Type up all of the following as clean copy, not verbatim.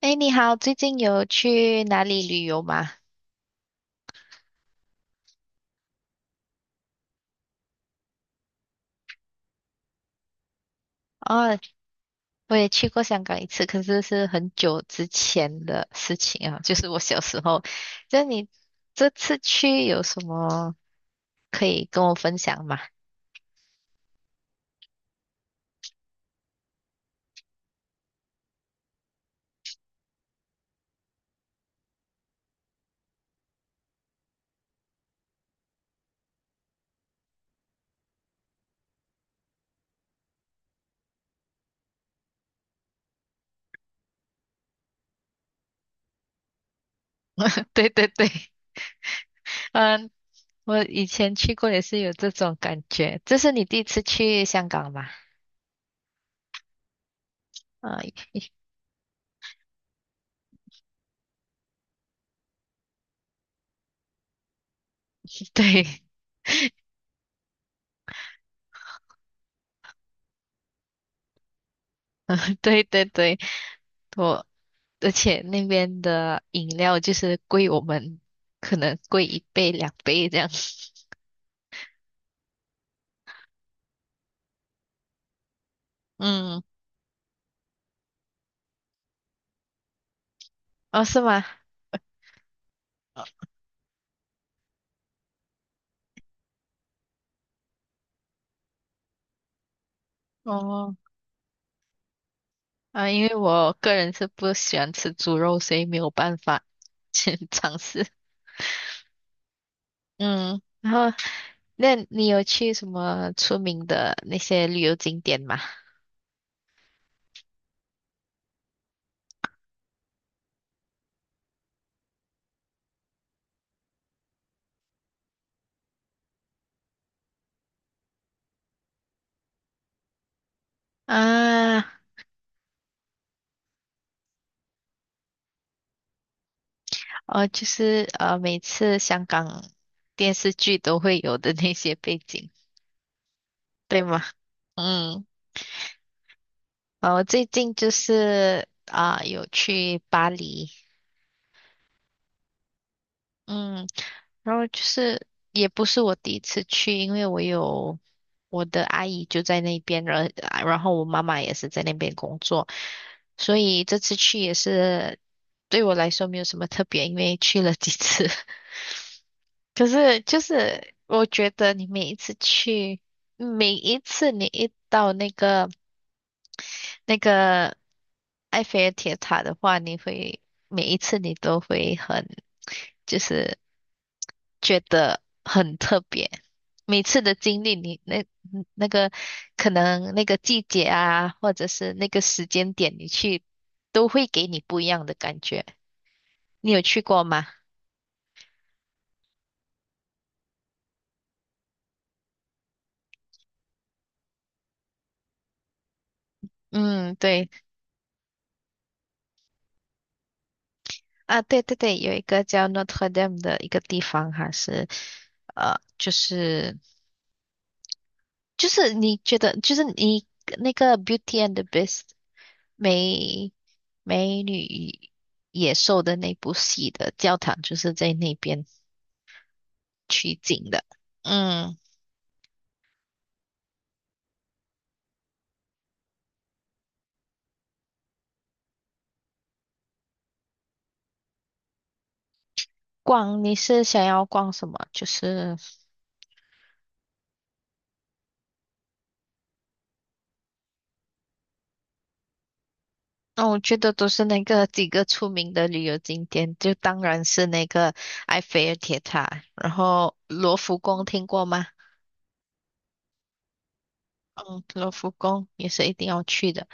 哎，你好，最近有去哪里旅游吗？哦，我也去过香港一次，可是是很久之前的事情啊，就是我小时候。就你这次去有什么可以跟我分享吗？对对对，嗯，我以前去过也是有这种感觉。这是你第一次去香港吗？啊、对 对对对，我而且那边的饮料就是贵我们可能贵一倍两倍这样。嗯，哦，是吗？啊哦，啊，因为我个人是不喜欢吃猪肉，所以没有办法去 尝试。嗯，然后那你有去什么出名的那些旅游景点吗？啊，哦，就是每次香港电视剧都会有的那些背景，对吗？嗯，哦，我最近就是啊，有去巴黎，嗯，然后就是也不是我第一次去，因为我有。我的阿姨就在那边，然后我妈妈也是在那边工作，所以这次去也是对我来说没有什么特别，因为去了几次。可是就是我觉得你每一次去，每一次你一到那个埃菲尔铁塔的话，你会每一次你都会很就是觉得很特别。每次的经历，你那个可能那个季节啊，或者是那个时间点，你去都会给你不一样的感觉。你有去过吗？嗯，对啊，对对对，有一个叫 Notre Dame 的一个地方，还是呃，就是就是你觉得就是你那个 Beauty and the Beast 美美女与野兽的那部戏的教堂，就是在那边。取景的。嗯，逛你是想要逛什么？就是，那、我觉得都是那个几个出名的旅游景点，就当然是那个埃菲尔铁塔，然后罗浮宫听过吗？嗯，罗浮宫也是一定要去的。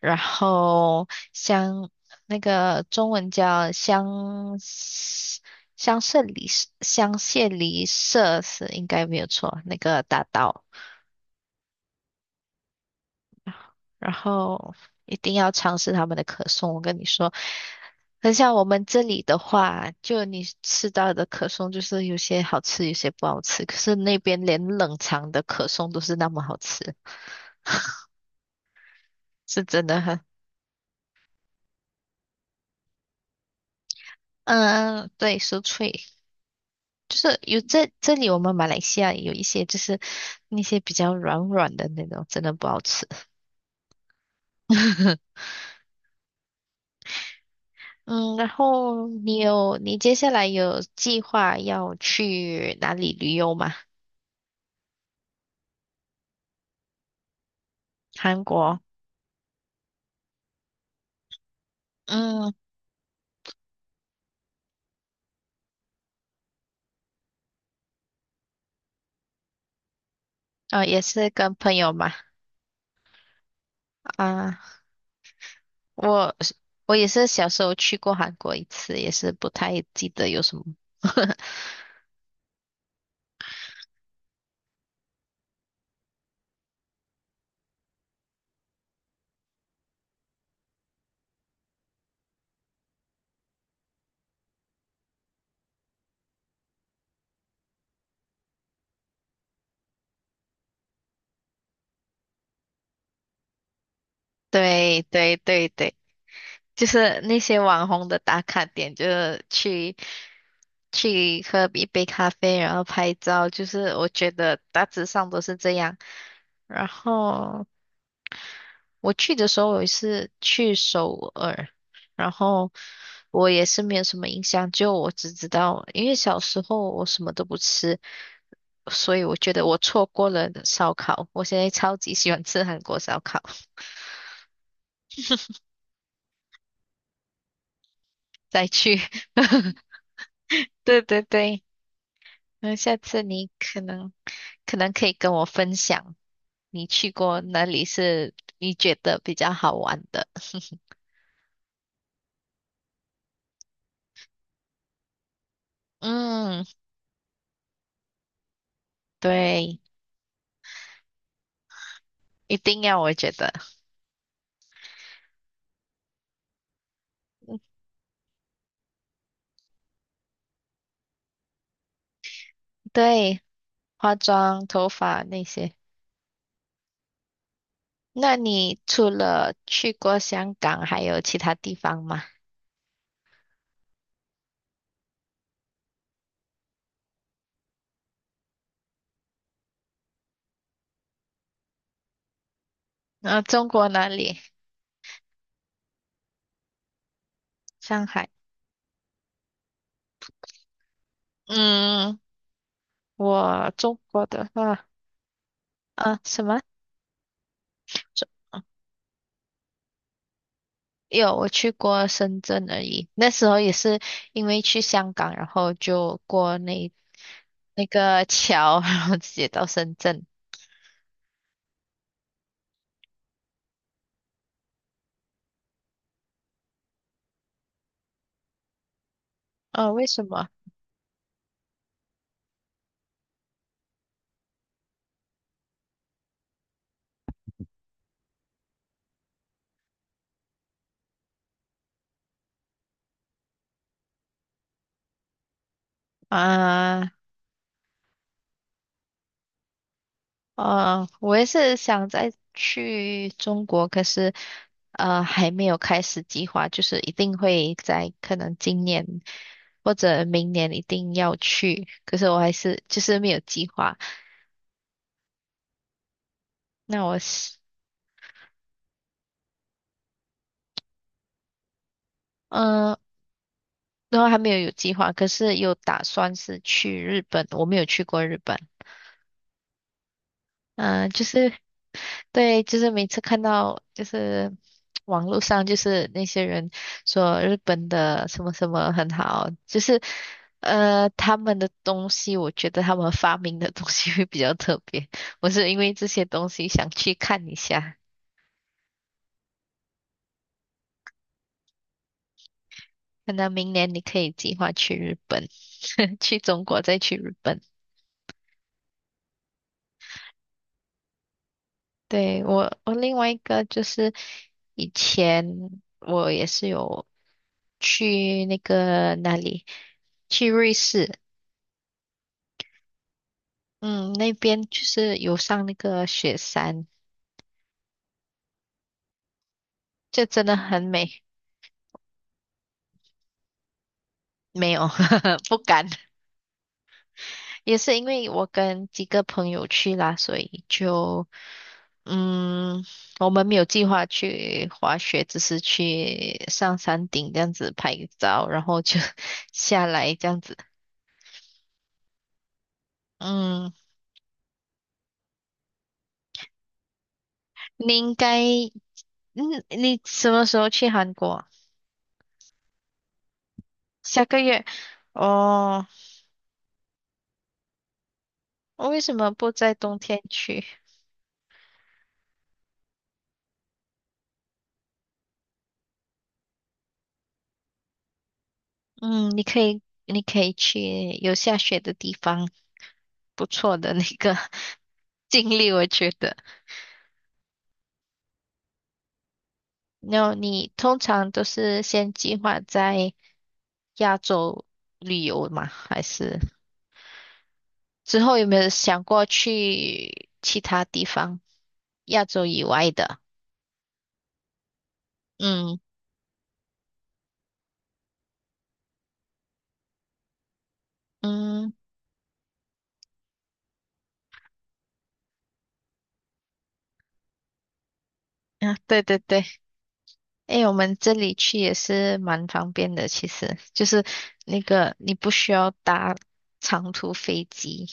然后像那个中文叫香榭里舍是应该没有错，那个大道。然后一定要尝试他们的可颂。我跟你说，很像我们这里的话，就你吃到的可颂，就是有些好吃，有些不好吃。可是那边连冷藏的可颂都是那么好吃，是真的很。嗯，对，酥脆，就是有这里我们马来西亚有一些就是那些比较软软的那种，真的不好吃。嗯，然后你接下来有计划要去哪里旅游吗？韩国。嗯。哦，也是跟朋友嘛，啊，我我也是小时候去过韩国一次，也是不太记得有什么。对对对对，就是那些网红的打卡点，就是去喝一杯咖啡，然后拍照，就是我觉得大致上都是这样。然后我去的时候，我是去首尔，然后我也是没有什么印象，就我只知道，因为小时候我什么都不吃，所以我觉得我错过了烧烤，我现在超级喜欢吃韩国烧烤，再去，对对对，那下次你可能可以跟我分享你去过哪里是你觉得比较好玩的，嗯，对，一定要，我觉得，对，化妆、头发那些。那你除了去过香港，还有其他地方吗？中国哪里？上海。嗯，我中国的话，啊，什么？哦有，我去过深圳而已。那时候也是因为去香港，然后就过那个桥，然后直接到深圳。哦，为什么？啊，哦，我也是想再去中国，可是还没有开始计划，就是一定会在可能今年或者明年一定要去，可是我还是就是没有计划。那我是嗯，然后还没有计划，可是有打算是去日本，我没有去过日本。嗯，就是对，就是每次看到就是网络上就是那些人说日本的什么什么很好，就是他们的东西，我觉得他们发明的东西会比较特别。我是因为这些东西想去看一下，那明年你可以计划去日本，去中国再去日本。对，我另外一个就是。以前我也是有去那个哪里，去瑞士，嗯，那边就是有上那个雪山，就真的很美。没有，不敢，也是因为我跟几个朋友去啦，所以就嗯，我们没有计划去滑雪，只是去上山顶这样子拍照，然后就 下来这样子。嗯，你应该，你什么时候去韩国啊下个月哦，我为什么不在冬天去？嗯，你可以去有下雪的地方，不错的那个 经历，我觉得。然后你通常都是先计划在亚洲旅游吗？还是之后有没有想过去其他地方，亚洲以外的？嗯嗯啊，对对对。诶，我们这里去也是蛮方便的，其实就是那个你不需要搭长途飞机。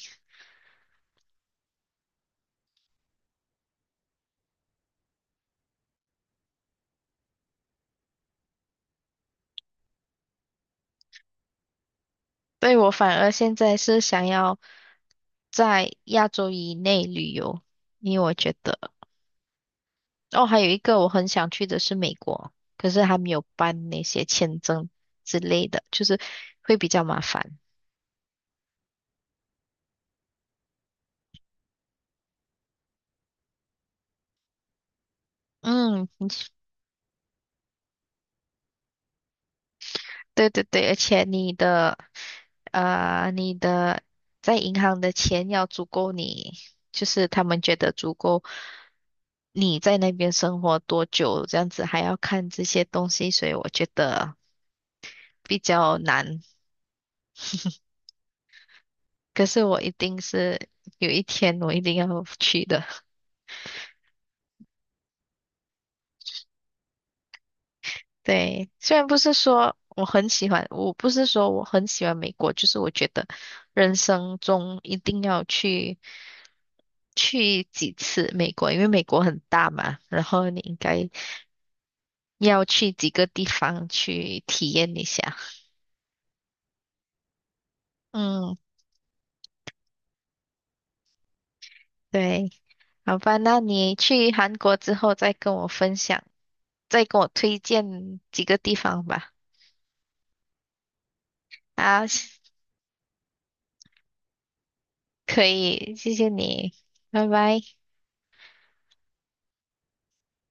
对，我反而现在是想要在亚洲以内旅游，因为我觉得哦，还有一个我很想去的是美国，可是还没有办那些签证之类的，就是会比较麻烦。嗯，对对对，而且你的在银行的钱要足够你，就是他们觉得足够你在那边生活多久，这样子还要看这些东西，所以我觉得比较难。可是我一定是有一天我一定要去的。对，虽然不是说我很喜欢，我不是说我很喜欢美国，就是我觉得人生中一定要去几次美国，因为美国很大嘛，然后你应该要去几个地方去体验一下。嗯，对，好吧，那你去韩国之后再跟我分享，再跟我推荐几个地方吧。啊，可以，谢谢你，拜拜。